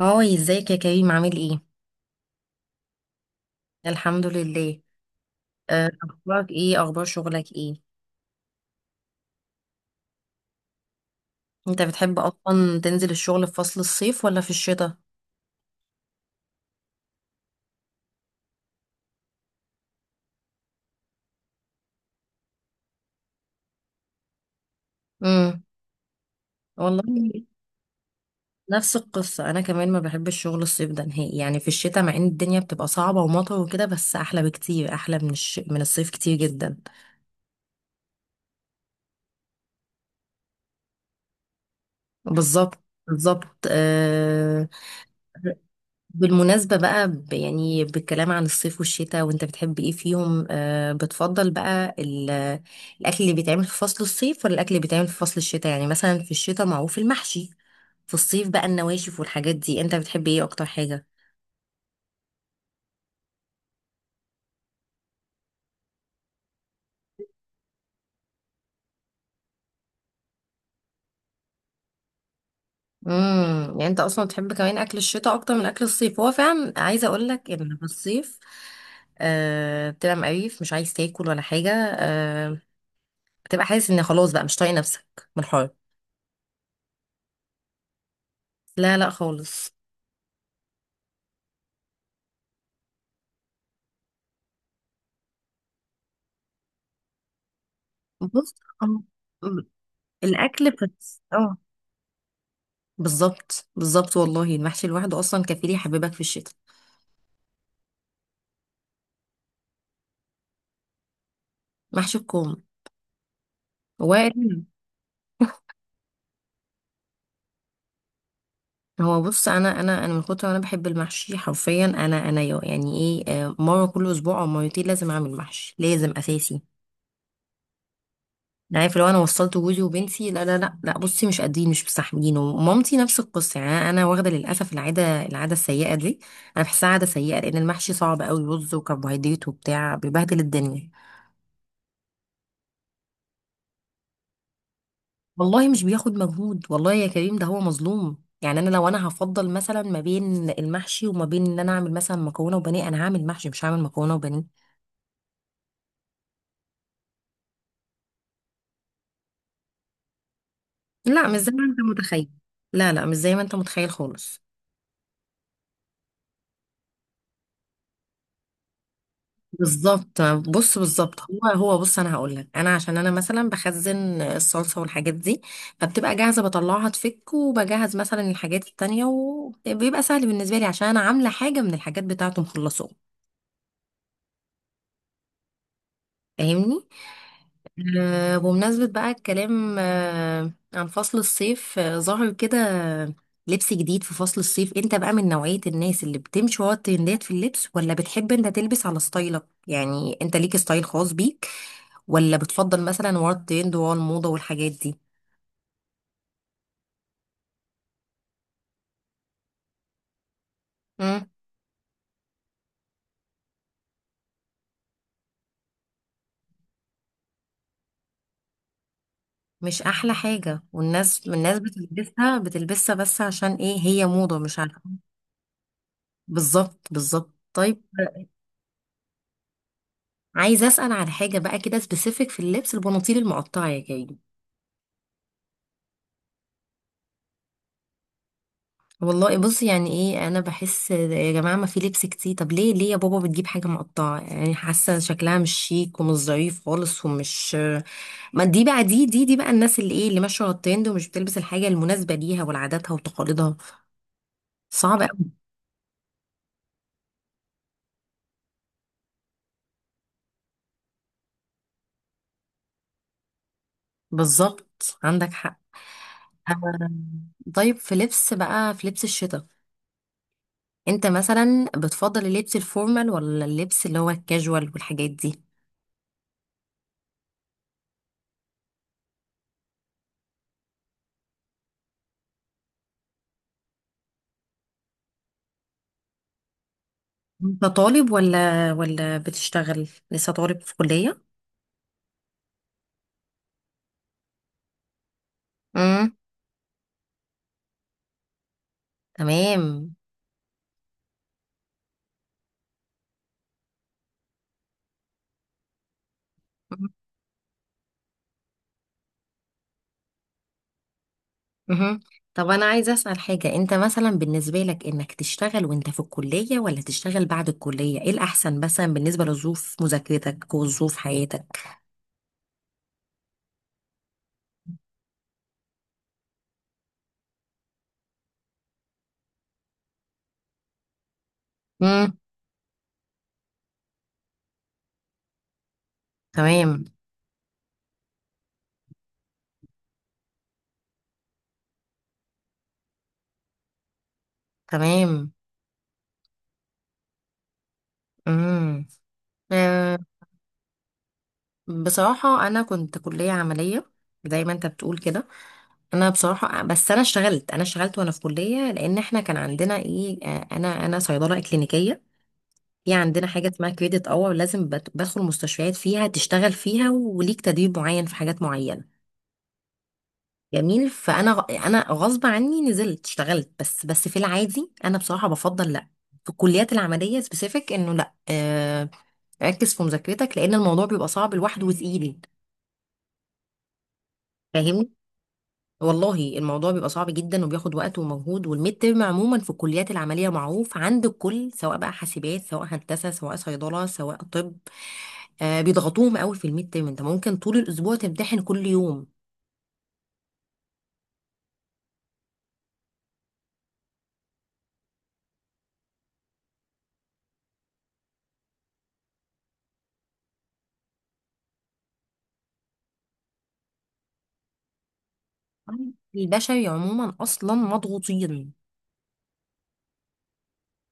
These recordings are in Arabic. هاي ازيك يا كريم، عامل ايه؟ الحمد لله. اخبارك ايه؟ اخبار شغلك ايه؟ انت بتحب اصلا تنزل الشغل في فصل الصيف ولا في الشتاء؟ امم والله. نفس القصه، انا كمان ما بحبش شغل الصيف ده نهائي، يعني في الشتاء مع ان الدنيا بتبقى صعبه ومطر وكده بس احلى بكتير، احلى من من الصيف كتير جدا. بالظبط بالظبط. بالمناسبة بقى، يعني بالكلام عن الصيف والشتاء وانت بتحب ايه فيهم، بتفضل بقى الأكل اللي بيتعمل في فصل الصيف ولا الأكل اللي بيتعمل في فصل الشتاء؟ يعني مثلا في الشتاء معروف المحشي، في الصيف بقى النواشف والحاجات دي، انت بتحب ايه أكتر حاجة؟ يعني انت اصلا بتحب كمان اكل الشتاء اكتر من اكل الصيف، هو فعلا عايزه اقول لك ان في الصيف بتبقى مقريف، مش عايز تاكل ولا حاجه. آه بتبقى حاسس ان خلاص بقى مش طايق نفسك من الحر. لا لا خالص. بص، الاكل بس اه. بالظبط بالظبط، والله المحشي لوحده اصلا كفيل يحببك في الشتاء. محشي الكوم وارد. هو بص، انا من كتر ما انا بحب المحشي حرفيا، انا انا يو- يعني ايه آه، مره كل اسبوع او مرتين لازم اعمل محشي، لازم اساسي. أنا عارف، لو انا وصلت جوزي وبنتي لا بصي مش قادرين مش مستحملين، ومامتي نفس القصه، يعني انا واخده للاسف العاده السيئه دي. انا بحسها عاده سيئه لان المحشي صعب قوي، رز وكربوهيدرات وبتاع، بيبهدل الدنيا. والله مش بياخد مجهود، والله يا كريم ده هو مظلوم، يعني انا لو انا هفضل مثلا ما بين المحشي وما بين ان انا اعمل مثلا مكرونه وبانيه، انا هعمل محشي مش هعمل مكرونه وبانيه. لا مش زي ما انت متخيل. لا لا مش زي ما انت متخيل خالص. بالظبط. بص بالظبط، هو بص، انا هقول لك، انا عشان انا مثلا بخزن الصلصه والحاجات دي، فبتبقى جاهزه، بطلعها تفك، وبجهز مثلا الحاجات التانية، وبيبقى سهل بالنسبه لي عشان انا عامله حاجه من الحاجات بتاعته مخلصه. فاهمني. بمناسبة بقى الكلام عن فصل الصيف، ظهر كده لبس جديد في فصل الصيف. انت بقى من نوعية الناس اللي بتمشي ورا الترندات في اللبس، ولا بتحب انت تلبس على ستايلك؟ يعني انت ليك ستايل خاص بيك، ولا بتفضل مثلا ورا الترند ورا الموضة والحاجات دي؟ مم. مش احلى حاجة، والناس الناس بتلبسها بس عشان ايه، هي موضة مش عارفة. بالظبط بالظبط، طيب. عايزه اسال على حاجه بقى كده سبيسيفيك في اللبس، البناطيل المقطعه يا جاي؟ والله بص، يعني ايه، انا بحس يا جماعه ما في لبس كتير، طب ليه ليه يا بابا بتجيب حاجه مقطعه، يعني حاسه شكلها مش شيك ومش ظريف خالص ومش. ما دي بقى دي بقى الناس اللي ايه، اللي ماشيه على الترند ومش بتلبس الحاجه المناسبه ليها ولعاداتها وتقاليدها. صعب قوي. بالظبط عندك حق. أم، طيب في لبس بقى، في لبس الشتاء انت مثلا بتفضل اللبس الفورمال ولا اللبس اللي هو الكاجوال والحاجات دي؟ انت طالب ولا بتشتغل؟ لسه طالب في كلية؟ امم تمام. مهم. طب انا عايزه اسال حاجه، انت مثلا بالنسبه لك انك تشتغل وانت في الكليه ولا تشتغل بعد الكليه، ايه الاحسن مثلا بالنسبه لظروف مذاكرتك وظروف حياتك؟ امم تمام. تمام. امم أه. بصراحه انا كنت كليه عمليه، زي ما انت بتقول كده. انا بصراحه، بس انا اشتغلت وانا في كليه، لان احنا كان عندنا ايه، انا صيدله كلينيكيه، في عندنا حاجه اسمها كريدت اور، لازم بدخل مستشفيات فيها، تشتغل فيها وليك تدريب معين في حاجات معينه. جميل. انا غصب عني نزلت اشتغلت، بس في العادي انا بصراحه بفضل لا، في الكليات العمليه سبيسيفيك انه لا ركز في مذاكرتك، لان الموضوع بيبقى صعب لوحده وتقيل. فاهمني. والله الموضوع بيبقى صعب جدا وبياخد وقت ومجهود، والميد ترم عموما في الكليات العمليه معروف عند الكل، سواء بقى حاسبات، سواء هندسه، سواء صيدله، سواء طب، بيضغطوهم قوي في الميد ترم، انت ممكن طول الاسبوع تمتحن كل يوم. البشري عموما اصلا مضغوطين.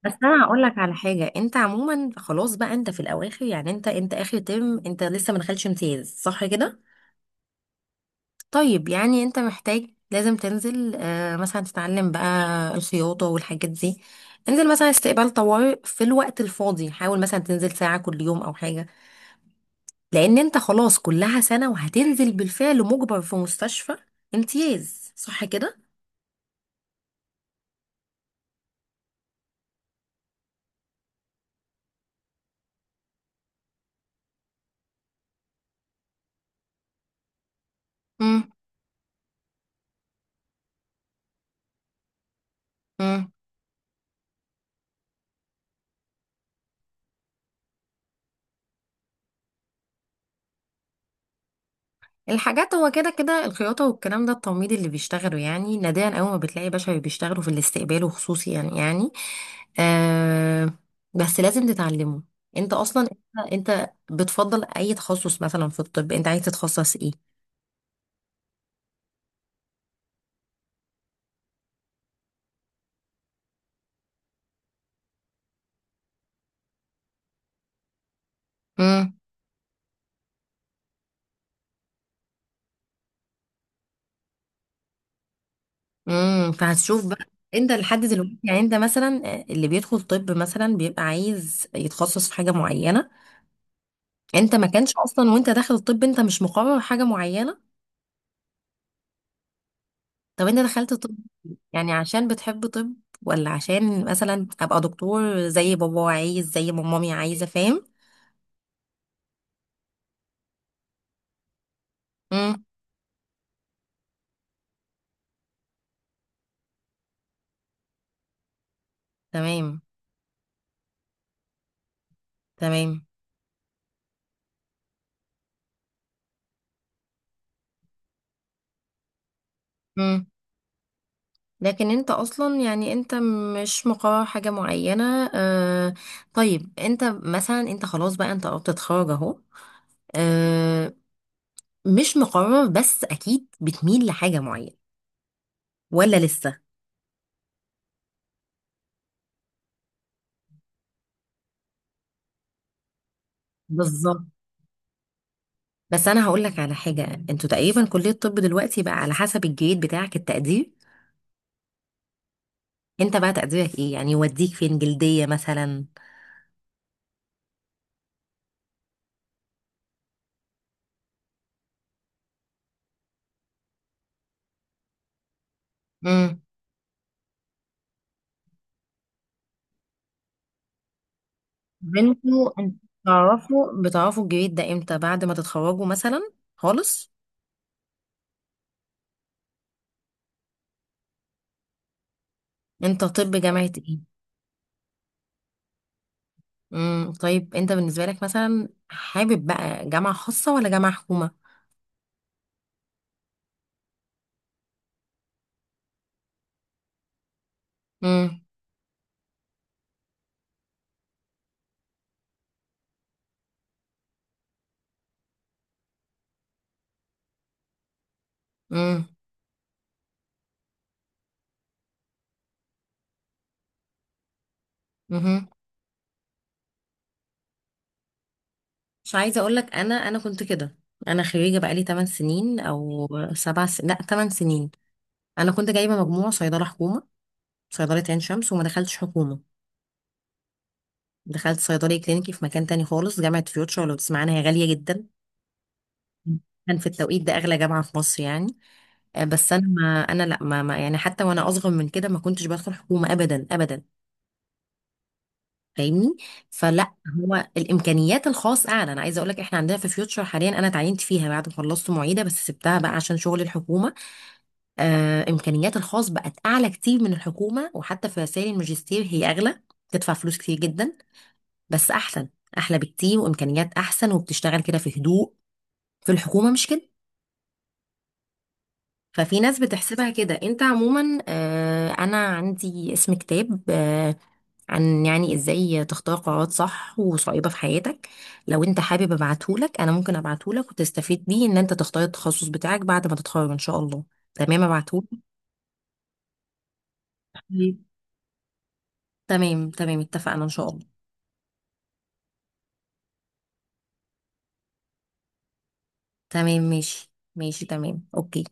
بس انا هقول لك على حاجه، انت عموما خلاص بقى، انت في الاواخر، يعني انت اخر ترم، انت لسه ما دخلتش امتياز صح كده؟ طيب، يعني انت محتاج لازم تنزل مثلا تتعلم بقى الخياطة والحاجات دي، انزل مثلا استقبال طوارئ في الوقت الفاضي، حاول مثلا تنزل ساعة كل يوم او حاجة، لان انت خلاص كلها سنة وهتنزل بالفعل مجبر في مستشفى امتياز صح كده؟ امم امم الحاجات هو كده كده، الخياطة والكلام ده، التمريض اللي بيشتغلوا، يعني نادرا اول ما بتلاقي بشر بيشتغلوا في الاستقبال وخصوصي، يعني آه بس لازم تتعلمه. انت اصلا انت بتفضل اي تخصص مثلا في الطب؟ انت عايز تتخصص ايه؟ امم فهتشوف بقى. انت لحد دلوقتي يعني انت مثلا، اللي بيدخل طب مثلا بيبقى عايز يتخصص في حاجه معينه، انت ما كانش اصلا وانت داخل الطب انت مش مقرر حاجه معينه؟ طب انت دخلت طب يعني عشان بتحب طب، ولا عشان مثلا ابقى دكتور زي بابا عايز، زي ما مامي عايزه، فاهم؟ امم تمام. تمام. لكن انت اصلا يعني انت مش مقرر حاجة معينة. طيب، انت مثلا انت خلاص بقى، انت قربت تتخرج اهو، آه مش مقرر بس اكيد بتميل لحاجة معينة ولا لسه؟ بالظبط. بس انا هقول لك على حاجة، انتوا تقريبا كلية الطب دلوقتي بقى على حسب الجريد بتاعك، التقدير. انت بقى تقديرك ايه، يعني يوديك فين، جلدية مثلا؟ امم بنتوا انت تعرفوا بتعرفوا الجريد ده امتى، بعد ما تتخرجوا مثلا خالص؟ انت طب جامعة ايه؟ طيب، انت بالنسبه لك مثلا حابب بقى جامعه خاصه ولا جامعه حكومه؟ امم امم امم مش عايزه اقول لك، انا كنت كده. انا خريجه بقالي 8 سنين او 7 سنين، لا 8 سنين. انا كنت جايبه مجموع صيدله حكومه، صيدله عين شمس، وما دخلتش حكومه. دخلت صيدلي كلينيكي في مكان تاني خالص، جامعه فيوتشر لو تسمعنا هي غاليه جدا. كان في التوقيت ده اغلى جامعه في مصر يعني. بس انا ما انا لا ما ما- يعني حتى وانا اصغر من كده ما كنتش بدخل حكومه ابدا ابدا. فاهمني. فلا. هو الامكانيات الخاص اعلى، انا عايزه اقول لك احنا عندنا في فيوتشر حاليا، انا اتعينت فيها بعد ما خلصت معيده بس سبتها بقى عشان شغل الحكومه. امكانيات الخاص بقت اعلى كتير من الحكومه، وحتى في رسائل الماجستير هي اغلى، تدفع فلوس كتير جدا بس احسن. احلى بكتير وامكانيات احسن وبتشتغل كده في هدوء، في الحكومه مش كده. ففي ناس بتحسبها كده. انت عموما انا عندي اسم كتاب عن يعني ازاي تختار قرارات صح وصعيبة في حياتك، لو انت حابب ابعتهولك انا ممكن ابعتهولك، وتستفيد بيه ان انت تختار التخصص بتاعك بعد ما تتخرج ان شاء الله. تمام، ابعتهولك. طيب. تمام تمام، اتفقنا ان شاء الله. تمام ماشي ماشي تمام اوكي.